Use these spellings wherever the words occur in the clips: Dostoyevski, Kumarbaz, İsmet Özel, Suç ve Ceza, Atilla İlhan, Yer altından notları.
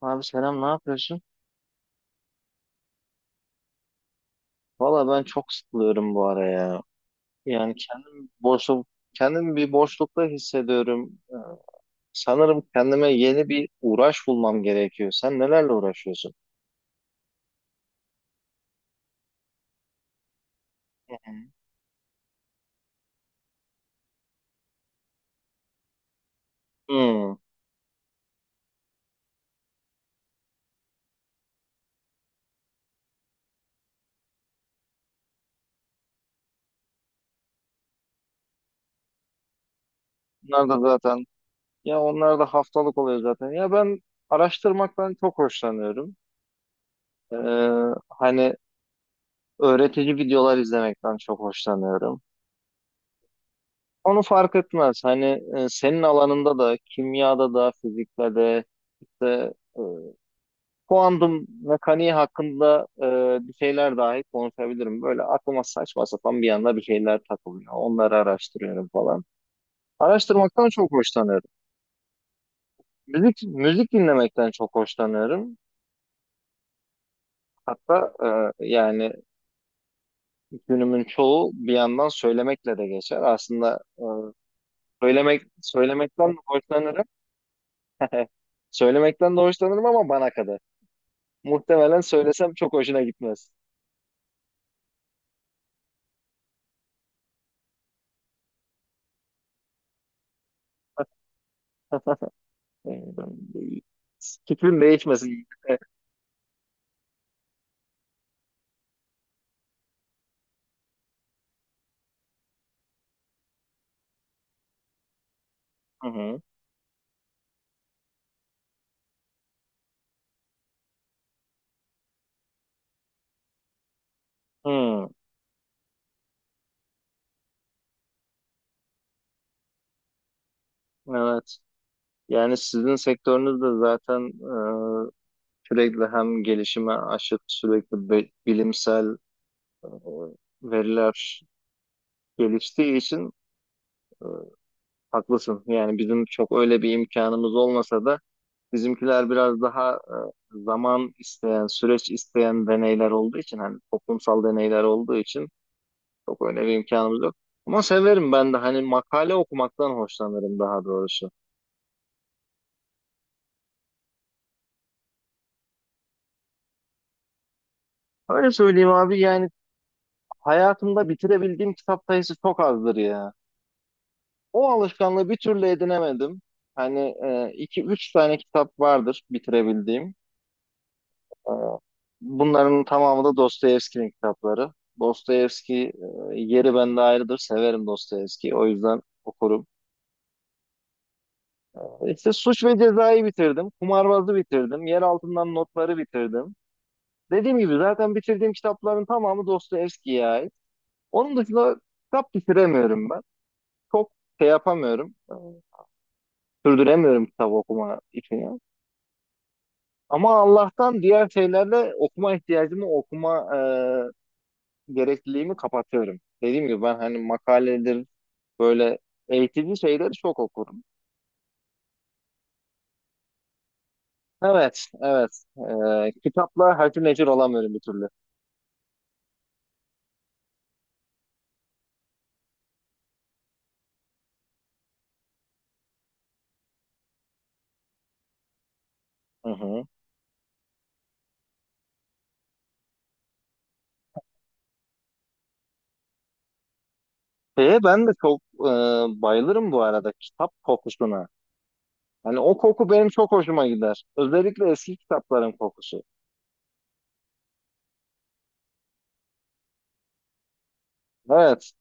Abi selam ne yapıyorsun? Valla ben çok sıkılıyorum bu ara ya. Yani kendim bir boşlukta hissediyorum. Sanırım kendime yeni bir uğraş bulmam gerekiyor. Sen nelerle uğraşıyorsun? Hı hı. Hmm. Onlar da zaten Ya onlar da haftalık oluyor zaten. Ya ben araştırmaktan çok hoşlanıyorum. Ee, Hani öğretici videolar izlemekten çok hoşlanıyorum. Onu fark etmez. Hani senin alanında da kimyada da fizikte de işte kuantum mekaniği hakkında bir şeyler dahi konuşabilirim. Böyle aklıma saçma sapan bir anda bir şeyler takılıyor. Onları araştırıyorum falan. Araştırmaktan çok hoşlanıyorum. Müzik dinlemekten çok hoşlanıyorum. Hatta yani günümün çoğu bir yandan söylemekle de geçer. Aslında söylemekten de hoşlanırım. Söylemekten de hoşlanırım ama bana kadar. Muhtemelen söylesem çok hoşuna gitmez. Fikrim değişmesin. Hı hı. Hı, evet. Yani sizin sektörünüz de zaten e, sürekli hem gelişime aşık sürekli bilimsel e, veriler geliştiği için e, haklısın. Yani bizim çok öyle bir imkanımız olmasa da bizimkiler biraz daha zaman isteyen, süreç isteyen deneyler olduğu için hani toplumsal deneyler olduğu için çok öyle bir imkanımız yok. Ama severim ben de hani makale okumaktan hoşlanırım daha doğrusu. Öyle söyleyeyim abi, yani hayatımda bitirebildiğim kitap sayısı çok azdır ya. O alışkanlığı bir türlü edinemedim. Hani iki üç tane kitap vardır bitirebildiğim. E, Bunların tamamı da Dostoyevski'nin kitapları. Dostoyevski, yeri bende ayrıdır. Severim Dostoyevski'yi. O yüzden okurum. İşte Suç ve Ceza'yı bitirdim. Kumarbaz'ı bitirdim. Yer altından notları bitirdim. Dediğim gibi zaten bitirdiğim kitapların tamamı Dostoyevski'ye ait. Onun dışında kitap bitiremiyorum ben. Çok şey yapamıyorum. Sürdüremiyorum kitap okuma için ya. Ama Allah'tan diğer şeylerle okuma ihtiyacımı, okuma gerekliliğimi kapatıyorum. Dediğim gibi ben hani makaledir, böyle eğitici şeyleri çok okurum. Evet, evet. Kitapla hacı necir olamıyorum bir türlü. Hı hı. Şeye ben de çok bayılırım bu arada kitap kokusuna. Hani o koku benim çok hoşuma gider. Özellikle eski kitapların kokusu. Evet.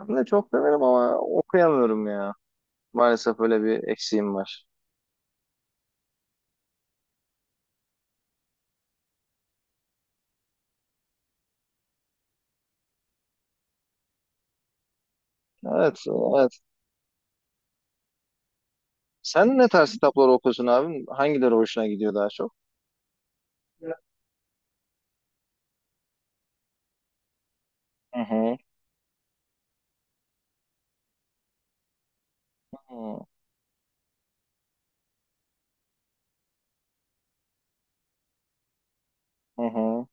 Ben de çok severim ama okuyamıyorum ya. Maalesef öyle bir eksiğim var. Evet, evet. Sen ne tarz kitaplar okuyorsun abim? Hangileri hoşuna gidiyor daha çok? Hı hı. Hı hı. Hı.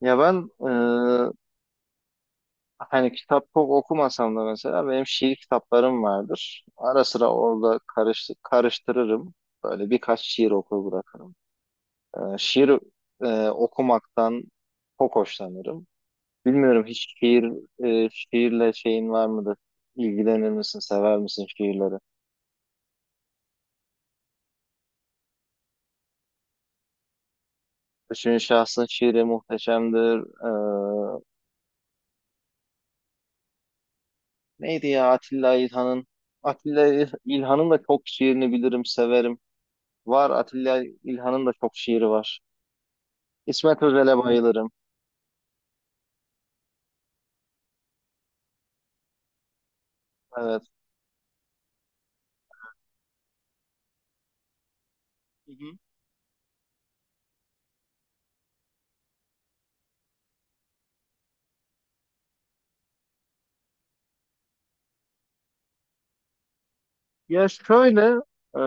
Ya ben hani kitap çok okumasam da mesela benim şiir kitaplarım vardır. Ara sıra orada karıştırırım. Böyle birkaç şiir okur bırakırım. Şiir okumaktan çok hoşlanırım. Bilmiyorum hiç şiirle şeyin var mıdır? İlgilenir misin, sever misin şiirleri? Üçüncü şahsın şiiri muhteşemdir. Ee, Neydi ya Atilla İlhan'ın? Atilla İlhan'ın da çok şiirini bilirim, severim. Var Atilla İlhan'ın da çok şiiri var. İsmet Özel'e, bayılırım. Evet. Hı hı. Ya şöyle e,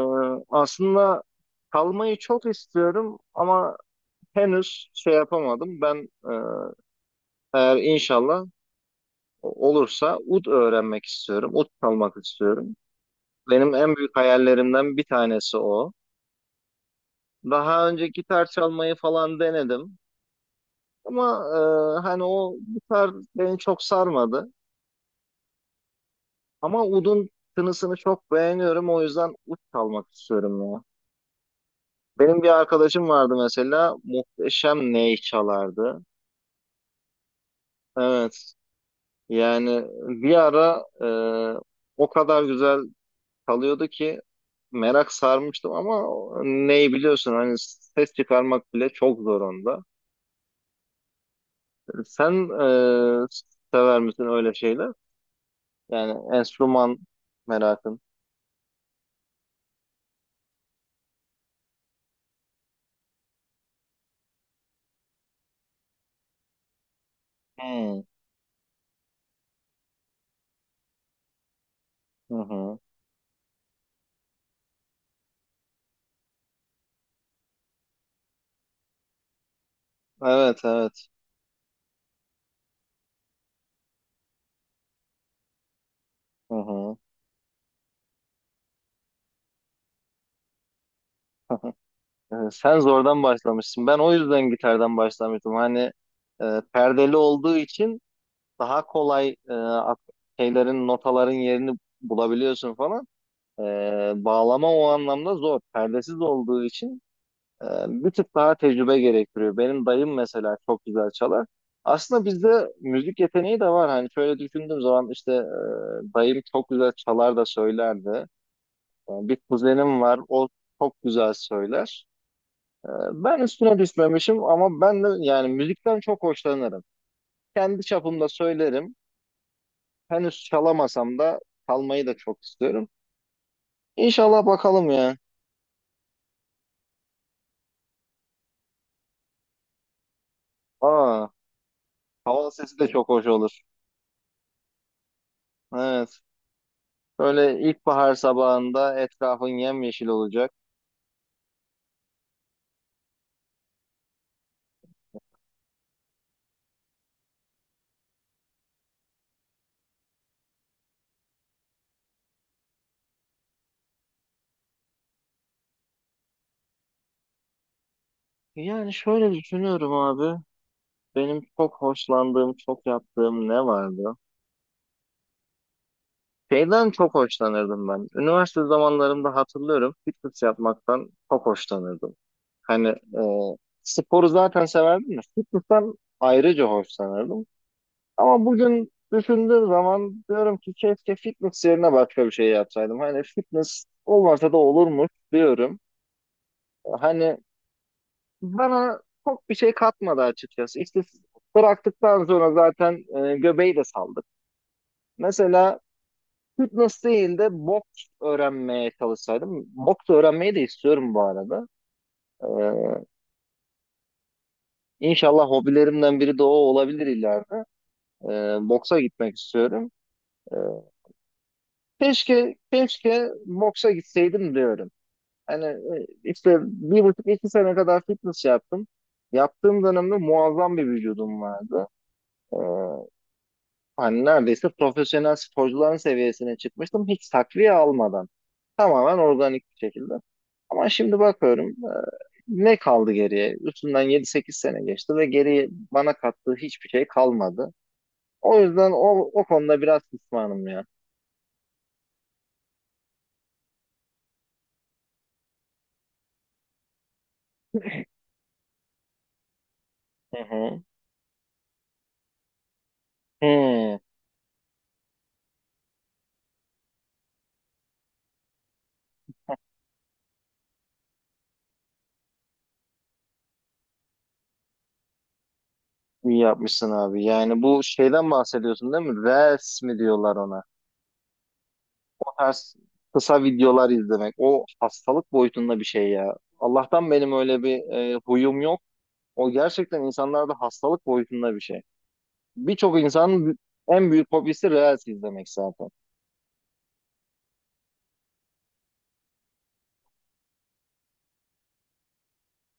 aslında kalmayı çok istiyorum ama henüz şey yapamadım. Ben eğer inşallah olursa ud öğrenmek istiyorum. Ud çalmak istiyorum. Benim en büyük hayallerimden bir tanesi o. Daha önce gitar çalmayı falan denedim. Ama hani o gitar beni çok sarmadı. Ama udun tınısını çok beğeniyorum. O yüzden ud çalmak istiyorum ya. Benim bir arkadaşım vardı mesela. Muhteşem ney çalardı. Evet. Yani bir ara o kadar güzel çalıyordu ki merak sarmıştım ama ney biliyorsun hani ses çıkarmak bile çok zor onda. Sen e, sever misin öyle şeyler? Yani enstrüman merakın. Hmm. Hı hı. Evet, evet. Hı hı. Sen zordan başlamışsın. Ben o yüzden gitardan başlamıştım. Hani perdeli olduğu için daha kolay şeylerin, notaların yerini bulabiliyorsun falan. E, Bağlama o anlamda zor. Perdesiz olduğu için bir tık daha tecrübe gerektiriyor. Benim dayım mesela çok güzel çalar. Aslında bizde müzik yeteneği de var. Hani şöyle düşündüğüm zaman işte dayım çok güzel çalar da söylerdi. Yani bir kuzenim var, o çok güzel söyler. Ben üstüne düşmemişim ama ben de yani müzikten çok hoşlanırım. Kendi çapımda söylerim. Henüz çalamasam da çalmayı da çok istiyorum. İnşallah bakalım ya. Aa, hava sesi de çok hoş olur. Evet. Böyle ilkbahar sabahında etrafın yemyeşil olacak. Yani şöyle düşünüyorum abi. Benim çok hoşlandığım, çok yaptığım ne vardı? Şeyden çok hoşlanırdım ben. Üniversite zamanlarımda hatırlıyorum fitness yapmaktan çok hoşlanırdım. Hani sporu zaten severdim de fitness'tan ayrıca hoşlanırdım. Ama bugün düşündüğüm zaman diyorum ki keşke fitness yerine başka bir şey yapsaydım. Hani fitness olmasa da olurmuş diyorum. Hani bana çok bir şey katmadı açıkçası. İşte bıraktıktan sonra zaten göbeği de saldık. Mesela fitness değil de boks öğrenmeye çalışsaydım. Boks öğrenmeyi de istiyorum bu arada. Ee, inşallah hobilerimden biri de o olabilir ileride. Boksa gitmek istiyorum. Ee, Keşke boksa gitseydim diyorum. Hani işte bir buçuk iki sene kadar fitness yaptım. Yaptığım dönemde muazzam bir vücudum vardı. Ee, Hani neredeyse profesyonel sporcuların seviyesine çıkmıştım hiç takviye almadan. Tamamen organik bir şekilde. Ama şimdi bakıyorum, ne kaldı geriye? Üstünden 7-8 sene geçti ve geriye bana kattığı hiçbir şey kalmadı. O yüzden o konuda biraz pişmanım ya. Hı hı. Hı. İyi yapmışsın abi. Yani bu şeyden bahsediyorsun değil mi? Reels mi diyorlar ona? O tarz kısa videolar izlemek. O hastalık boyutunda bir şey ya. Allah'tan benim öyle bir huyum yok. O gerçekten insanlarda hastalık boyutunda bir şey. Birçok insanın en büyük hobisi Reels izlemek zaten.